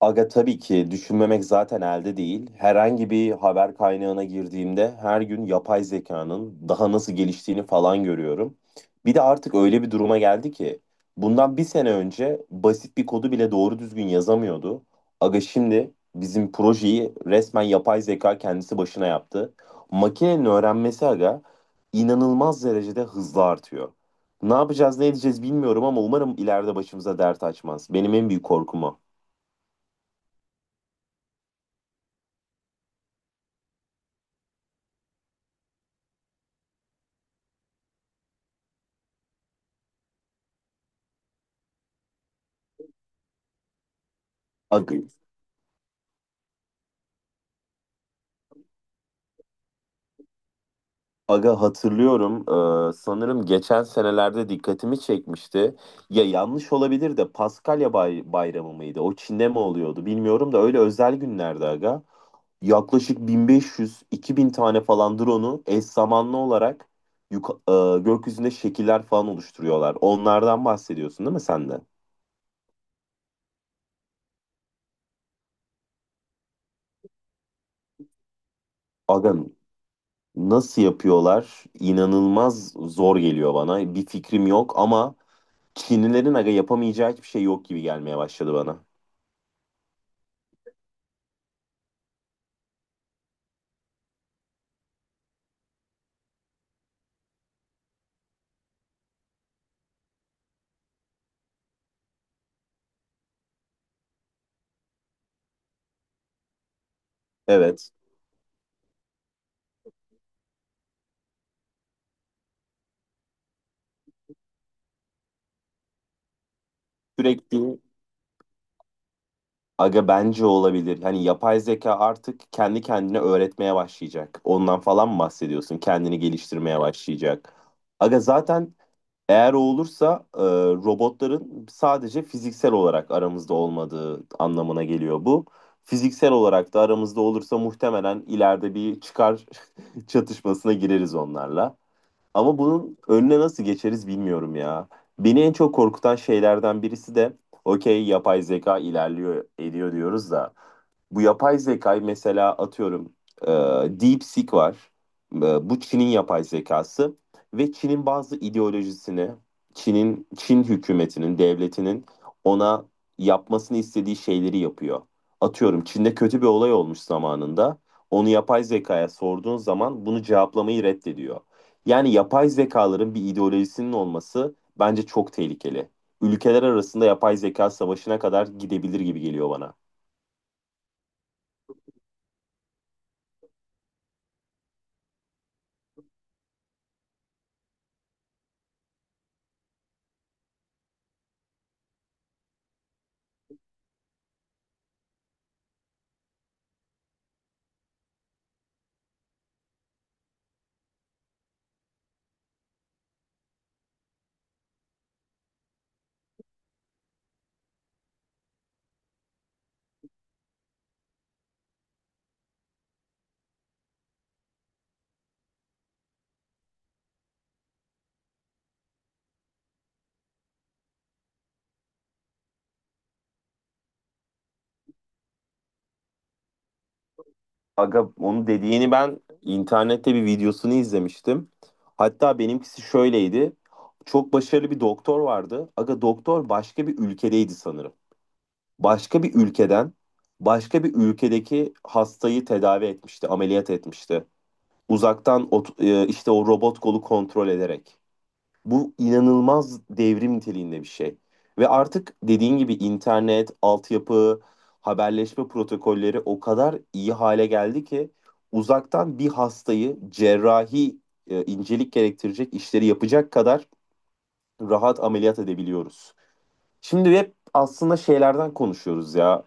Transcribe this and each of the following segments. Aga, tabii ki düşünmemek zaten elde değil. Herhangi bir haber kaynağına girdiğimde her gün yapay zekanın daha nasıl geliştiğini falan görüyorum. Bir de artık öyle bir duruma geldi ki bundan bir sene önce basit bir kodu bile doğru düzgün yazamıyordu. Aga, şimdi bizim projeyi resmen yapay zeka kendisi başına yaptı. Makinenin öğrenmesi aga inanılmaz derecede hızlı artıyor. Ne yapacağız ne edeceğiz bilmiyorum ama umarım ileride başımıza dert açmaz. Benim en büyük korkum o. Aga, Aga, hatırlıyorum. Sanırım geçen senelerde dikkatimi çekmişti. Ya yanlış olabilir de Paskalya Bayramı mıydı? O Çin'de mi oluyordu bilmiyorum da öyle özel günlerde aga. Yaklaşık 1500-2000 tane falan drone'u eş zamanlı olarak gökyüzünde şekiller falan oluşturuyorlar. Onlardan bahsediyorsun değil mi sen de? Aga, nasıl yapıyorlar? İnanılmaz zor geliyor bana. Bir fikrim yok ama Çinlilerin aga yapamayacağı hiçbir şey yok gibi gelmeye başladı bana. Evet. Sürekli aga bence olabilir. Hani yapay zeka artık kendi kendine öğretmeye başlayacak. Ondan falan mı bahsediyorsun? Kendini geliştirmeye başlayacak. Aga zaten eğer o olursa robotların sadece fiziksel olarak aramızda olmadığı anlamına geliyor bu. Fiziksel olarak da aramızda olursa muhtemelen ileride bir çıkar çatışmasına gireriz onlarla. Ama bunun önüne nasıl geçeriz bilmiyorum ya. Beni en çok korkutan şeylerden birisi de okey, yapay zeka ilerliyor ediyor diyoruz da bu yapay zekayı, mesela atıyorum, e, DeepSeek var. E, Bu Çin'in yapay zekası ve Çin'in bazı ideolojisini, Çin'in, Çin hükümetinin, devletinin ona yapmasını istediği şeyleri yapıyor. Atıyorum, Çin'de kötü bir olay olmuş zamanında. Onu yapay zekaya sorduğun zaman bunu cevaplamayı reddediyor. Yani yapay zekaların bir ideolojisinin olması bence çok tehlikeli. Ülkeler arasında yapay zeka savaşına kadar gidebilir gibi geliyor bana. Aga, onu dediğini ben internette bir videosunu izlemiştim. Hatta benimkisi şöyleydi. Çok başarılı bir doktor vardı. Aga doktor başka bir ülkedeydi sanırım. Başka bir ülkeden başka bir ülkedeki hastayı tedavi etmişti, ameliyat etmişti. Uzaktan işte o robot kolu kontrol ederek. Bu inanılmaz devrim niteliğinde bir şey. Ve artık dediğin gibi internet, altyapı, haberleşme protokolleri o kadar iyi hale geldi ki uzaktan bir hastayı cerrahi incelik gerektirecek işleri yapacak kadar rahat ameliyat edebiliyoruz. Şimdi hep aslında şeylerden konuşuyoruz ya.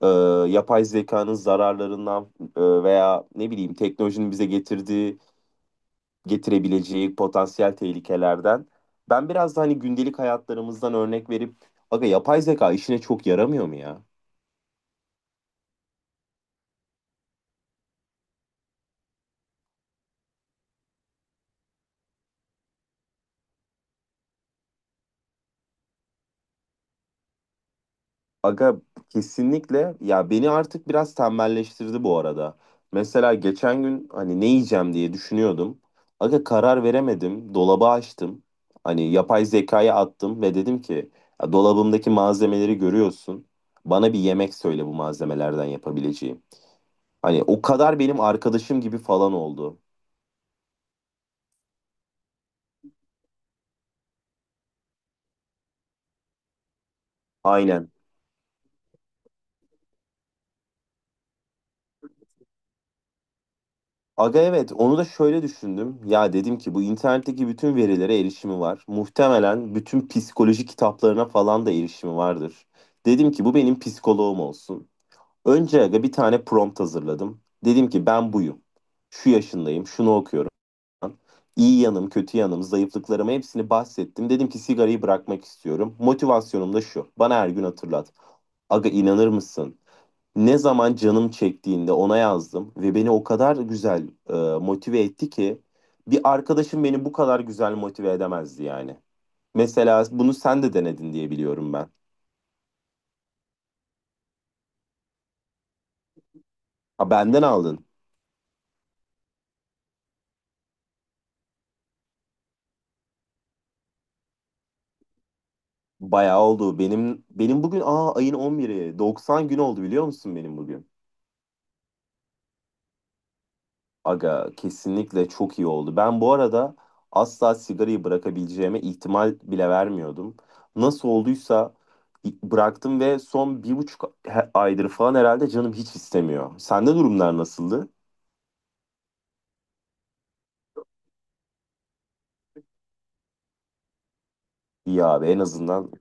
e, Yapay zekanın zararlarından veya ne bileyim teknolojinin bize getirdiği, getirebileceği potansiyel tehlikelerden. Ben biraz da hani gündelik hayatlarımızdan örnek verip aga yapay zeka işine çok yaramıyor mu ya? Aga kesinlikle ya, beni artık biraz tembelleştirdi bu arada. Mesela geçen gün hani ne yiyeceğim diye düşünüyordum. Aga karar veremedim. Dolabı açtım. Hani yapay zekaya attım ve dedim ki "Ya dolabımdaki malzemeleri görüyorsun. Bana bir yemek söyle bu malzemelerden yapabileceğim." Hani o kadar benim arkadaşım gibi falan oldu. Aynen. Aga evet, onu da şöyle düşündüm. Ya dedim ki bu internetteki bütün verilere erişimi var. Muhtemelen bütün psikoloji kitaplarına falan da erişimi vardır. Dedim ki bu benim psikoloğum olsun. Önce aga bir tane prompt hazırladım. Dedim ki ben buyum. Şu yaşındayım, şunu okuyorum. İyi yanım, kötü yanım, zayıflıklarımı hepsini bahsettim. Dedim ki sigarayı bırakmak istiyorum. Motivasyonum da şu. Bana her gün hatırlat. Aga, inanır mısın? Ne zaman canım çektiğinde ona yazdım ve beni o kadar güzel motive etti ki bir arkadaşım beni bu kadar güzel motive edemezdi yani. Mesela bunu sen de denedin diye biliyorum ben. Ha, benden aldın. Bayağı oldu. Benim bugün, aa, ayın on biri, 90 gün oldu biliyor musun benim bugün? Aga kesinlikle çok iyi oldu. Ben bu arada asla sigarayı bırakabileceğime ihtimal bile vermiyordum. Nasıl olduysa bıraktım ve son bir buçuk aydır falan herhalde canım hiç istemiyor. Sende durumlar nasıldı? İyi abi, en azından…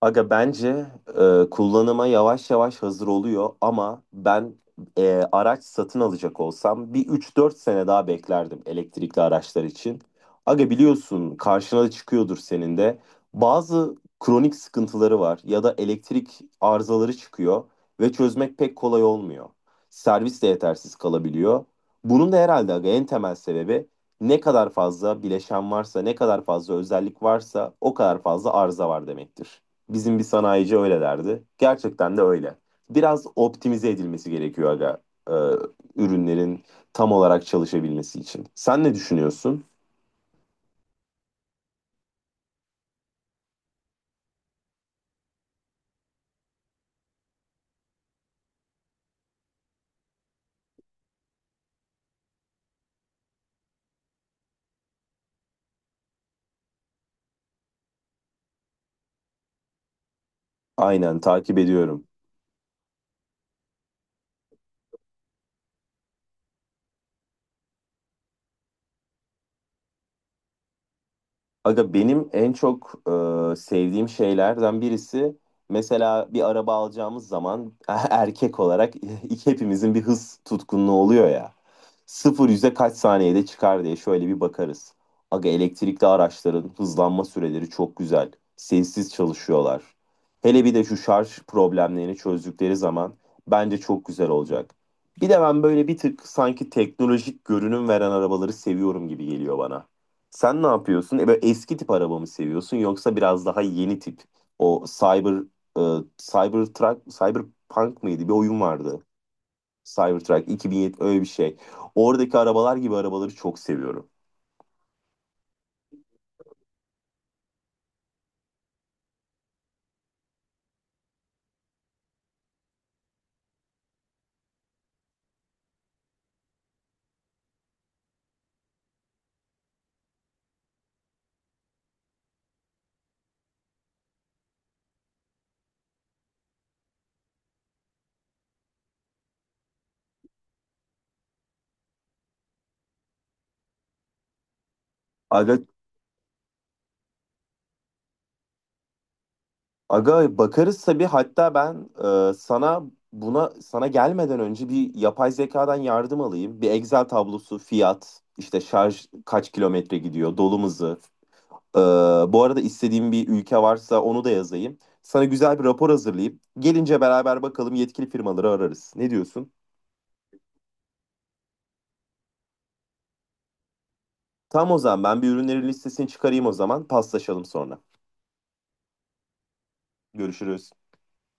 Aga bence kullanıma yavaş yavaş hazır oluyor ama ben, araç satın alacak olsam bir üç dört sene daha beklerdim elektrikli araçlar için. Aga biliyorsun, karşına da çıkıyordur senin de. Bazı kronik sıkıntıları var ya da elektrik arızaları çıkıyor ve çözmek pek kolay olmuyor. Servis de yetersiz kalabiliyor. Bunun da herhalde aga en temel sebebi, ne kadar fazla bileşen varsa, ne kadar fazla özellik varsa o kadar fazla arıza var demektir. Bizim bir sanayici öyle derdi. Gerçekten de öyle. Biraz optimize edilmesi gerekiyor aga, e, ürünlerin tam olarak çalışabilmesi için. Sen ne düşünüyorsun? Aynen, takip ediyorum. Aga benim en çok sevdiğim şeylerden birisi, mesela bir araba alacağımız zaman erkek olarak hepimizin bir hız tutkunluğu oluyor ya. Sıfır yüze kaç saniyede çıkar diye şöyle bir bakarız. Aga elektrikli araçların hızlanma süreleri çok güzel. Sessiz çalışıyorlar. Hele bir de şu şarj problemlerini çözdükleri zaman bence çok güzel olacak. Bir de ben böyle bir tık sanki teknolojik görünüm veren arabaları seviyorum gibi geliyor bana. Sen ne yapıyorsun? E, böyle eski tip araba mı seviyorsun yoksa biraz daha yeni tip? O Cybertruck, Cyberpunk mıydı? Bir oyun vardı. Cybertruck 2007, öyle bir şey. Oradaki arabalar gibi arabaları çok seviyorum. Aga Aga, bakarız tabii. Hatta ben sana, sana gelmeden önce bir yapay zekadan yardım alayım. Bir Excel tablosu, fiyat, işte şarj kaç kilometre gidiyor, dolum hızı. E, Bu arada istediğim bir ülke varsa onu da yazayım. Sana güzel bir rapor hazırlayıp gelince beraber bakalım, yetkili firmaları ararız. Ne diyorsun? Tamam, o zaman ben bir ürünlerin listesini çıkarayım, o zaman paslaşalım sonra. Görüşürüz.